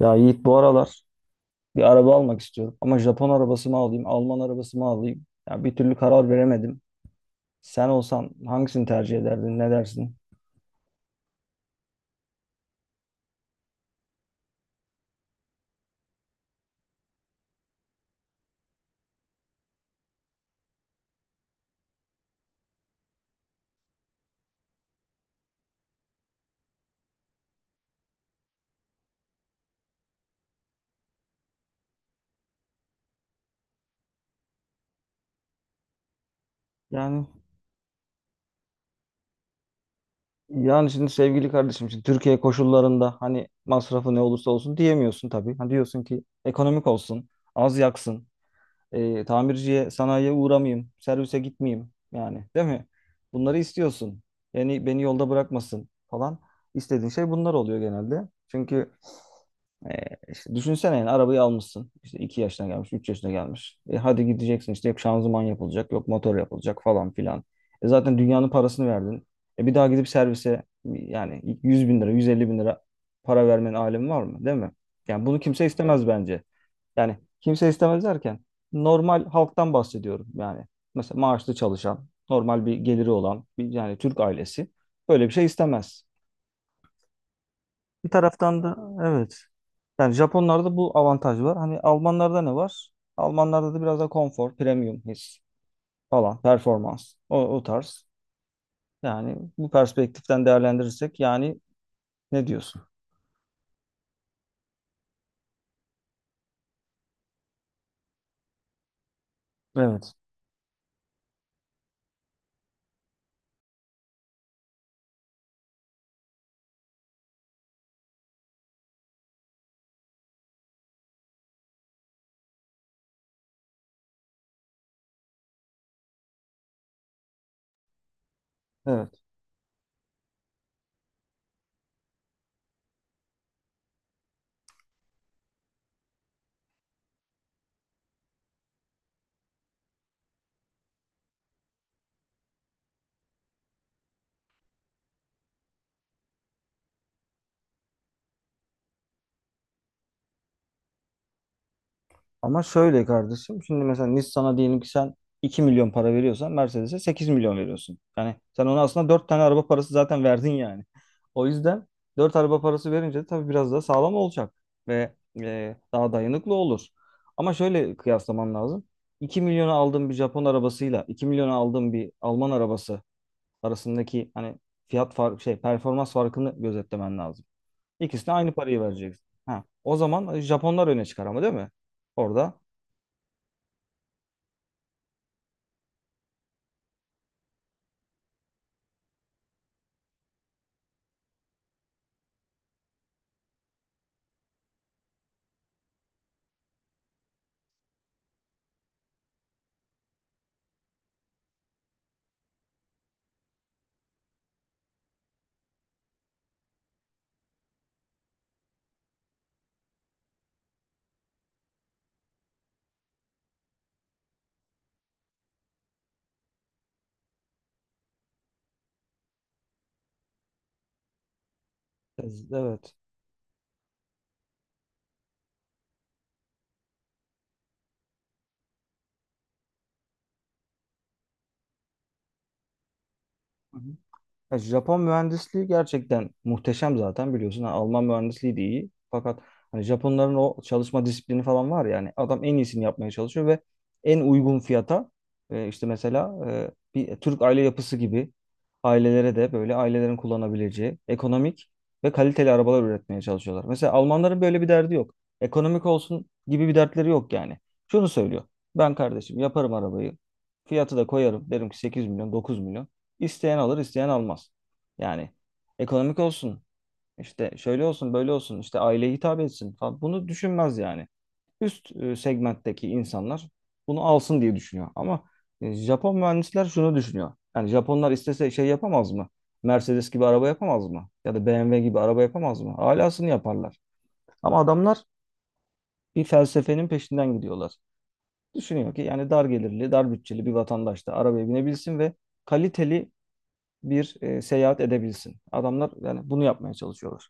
Ya Yiğit bu aralar bir araba almak istiyorum. Ama Japon arabası mı alayım, Alman arabası mı alayım? Ya bir türlü karar veremedim. Sen olsan hangisini tercih ederdin, ne dersin? Yani yani şimdi sevgili kardeşim şimdi Türkiye koşullarında hani masrafı ne olursa olsun diyemiyorsun tabii. Hani diyorsun ki ekonomik olsun, az yaksın, tamirciye, sanayiye uğramayayım, servise gitmeyeyim yani değil mi? Bunları istiyorsun. Yani beni yolda bırakmasın falan. İstediğin şey bunlar oluyor genelde. Çünkü işte düşünsene yani arabayı almışsın. İşte 2 yaşına gelmiş, 3 yaşına gelmiş. Hadi gideceksin işte yok şanzıman yapılacak, yok motor yapılacak falan filan. Zaten dünyanın parasını verdin. Bir daha gidip servise yani 100 bin lira, 150 bin lira para vermenin alemi var mı? Değil mi? Yani bunu kimse istemez bence. Yani kimse istemez derken normal halktan bahsediyorum yani. Mesela maaşlı çalışan, normal bir geliri olan bir yani Türk ailesi böyle bir şey istemez. Bir taraftan da evet. Yani Japonlarda bu avantaj var. Hani Almanlarda ne var? Almanlarda da biraz da konfor, premium his falan, performans. O, o tarz. Yani bu perspektiften değerlendirirsek yani ne diyorsun? Evet. Evet. Ama şöyle kardeşim şimdi mesela Nissan'a diyelim ki sen 2 milyon para veriyorsan Mercedes'e 8 milyon veriyorsun. Yani sen ona aslında 4 tane araba parası zaten verdin yani. O yüzden 4 araba parası verince de tabii biraz daha sağlam olacak ve daha dayanıklı olur. Ama şöyle kıyaslaman lazım. İki milyona aldığın bir Japon arabasıyla 2 milyona aldığın bir Alman arabası arasındaki hani fiyat fark şey performans farkını gözetlemen lazım. İkisine aynı parayı vereceksin. Ha, o zaman Japonlar öne çıkar ama değil mi? Orada. Evet. Hı hı. Ya Japon mühendisliği gerçekten muhteşem zaten biliyorsun. Ha, Alman mühendisliği de iyi. Fakat hani Japonların o çalışma disiplini falan var yani. Adam en iyisini yapmaya çalışıyor ve en uygun fiyata işte mesela bir Türk aile yapısı gibi ailelere de böyle ailelerin kullanabileceği ekonomik ve kaliteli arabalar üretmeye çalışıyorlar. Mesela Almanların böyle bir derdi yok. Ekonomik olsun gibi bir dertleri yok yani. Şunu söylüyor. Ben kardeşim yaparım arabayı. Fiyatı da koyarım. Derim ki 8 milyon, 9 milyon. İsteyen alır, isteyen almaz. Yani ekonomik olsun, işte şöyle olsun, böyle olsun, işte aileye hitap etsin falan. Bunu düşünmez yani. Üst segmentteki insanlar bunu alsın diye düşünüyor. Ama Japon mühendisler şunu düşünüyor. Yani Japonlar istese şey yapamaz mı? Mercedes gibi araba yapamaz mı? Ya da BMW gibi araba yapamaz mı? Alasını yaparlar. Ama adamlar bir felsefenin peşinden gidiyorlar. Düşünüyor ki yani dar gelirli, dar bütçeli bir vatandaş da arabaya binebilsin ve kaliteli bir seyahat edebilsin. Adamlar yani bunu yapmaya çalışıyorlar.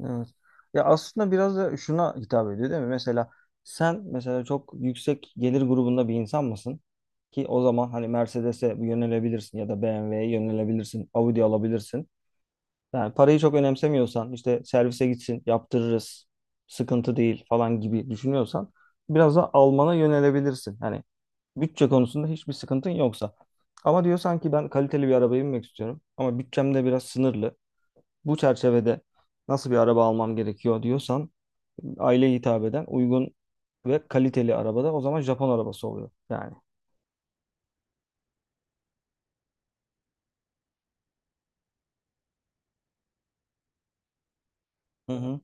Evet. Ya aslında biraz da şuna hitap ediyor değil mi? Mesela sen çok yüksek gelir grubunda bir insan mısın? Ki o zaman hani Mercedes'e yönelebilirsin ya da BMW'ye yönelebilirsin, Audi alabilirsin. Yani parayı çok önemsemiyorsan işte servise gitsin, yaptırırız, sıkıntı değil falan gibi düşünüyorsan biraz da Alman'a yönelebilirsin. Hani bütçe konusunda hiçbir sıkıntın yoksa. Ama diyor sanki ben kaliteli bir arabaya binmek istiyorum ama bütçem de biraz sınırlı. Bu çerçevede nasıl bir araba almam gerekiyor diyorsan aileye hitap eden uygun ve kaliteli arabada o zaman Japon arabası oluyor yani. Hı hı.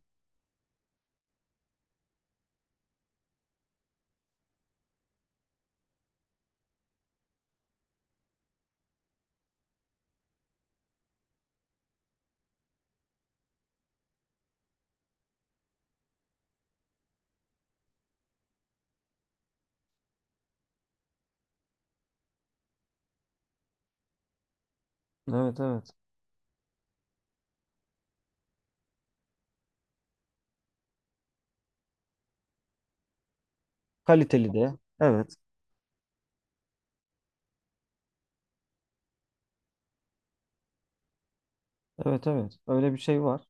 Evet, evet. Kaliteli de. Evet. Evet, evet. Öyle bir şey var.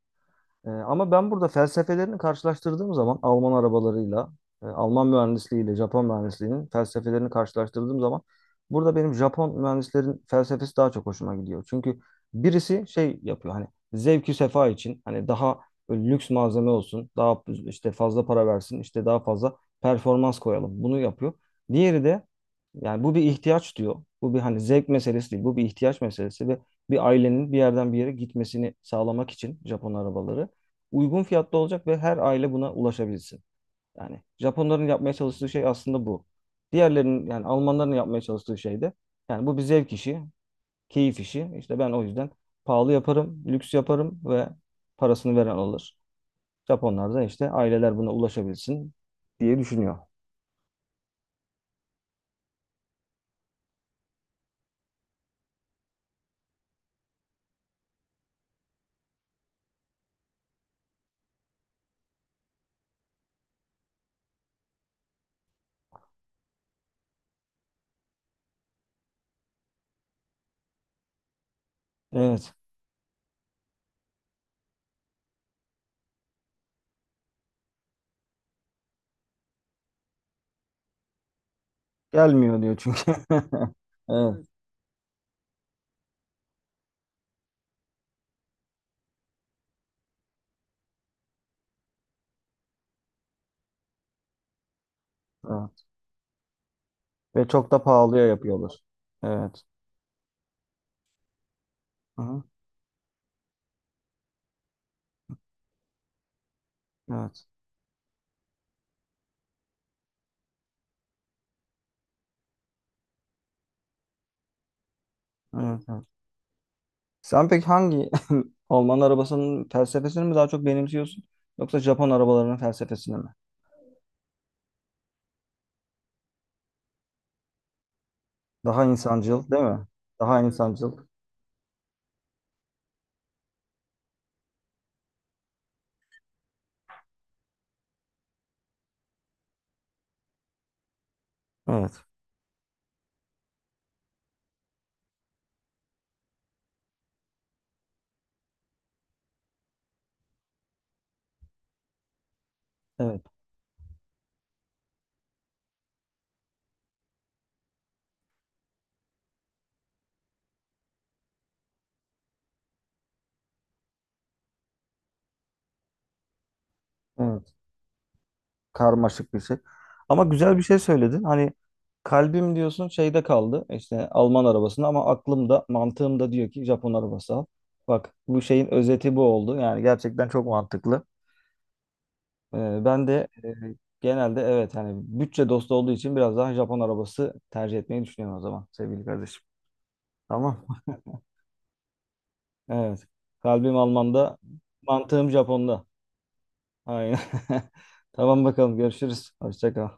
Ama ben burada felsefelerini karşılaştırdığım zaman Alman arabalarıyla, Alman mühendisliğiyle Japon mühendisliğinin felsefelerini karşılaştırdığım zaman burada benim Japon mühendislerin felsefesi daha çok hoşuma gidiyor. Çünkü birisi şey yapıyor hani zevki sefa için hani daha böyle lüks malzeme olsun, daha işte fazla para versin, işte daha fazla performans koyalım. Bunu yapıyor. Diğeri de yani bu bir ihtiyaç diyor. Bu bir hani zevk meselesi değil. Bu bir ihtiyaç meselesi ve bir ailenin bir yerden bir yere gitmesini sağlamak için Japon arabaları uygun fiyatta olacak ve her aile buna ulaşabilsin. Yani Japonların yapmaya çalıştığı şey aslında bu. Diğerlerinin yani Almanların yapmaya çalıştığı şey de yani bu bir zevk işi, keyif işi. İşte ben o yüzden pahalı yaparım, lüks yaparım ve parasını veren alır. Japonlar da işte aileler buna ulaşabilsin diye düşünüyor. Evet. Gelmiyor diyor çünkü. Evet, evet. Ve çok da pahalıya yapıyorlar. Evet. Hı hı. Evet. Evet, evet. Sen peki hangi Alman arabasının felsefesini mi daha çok benimsiyorsun yoksa Japon arabalarının felsefesini mi? Daha insancıl, değil mi? Daha insancıl. Evet, evet, evet. Karmaşık bir şey. Ama güzel bir şey söyledin. Hani kalbim diyorsun şeyde kaldı, işte Alman arabasında, ama aklım da mantığım da diyor ki Japon arabası al. Bak bu şeyin özeti bu oldu. Yani gerçekten çok mantıklı. Ben de genelde evet hani bütçe dostu olduğu için biraz daha Japon arabası tercih etmeyi düşünüyorum o zaman sevgili kardeşim. Tamam. Evet. Kalbim Alman'da, mantığım Japon'da. Aynen. Tamam bakalım görüşürüz. Hoşça kal.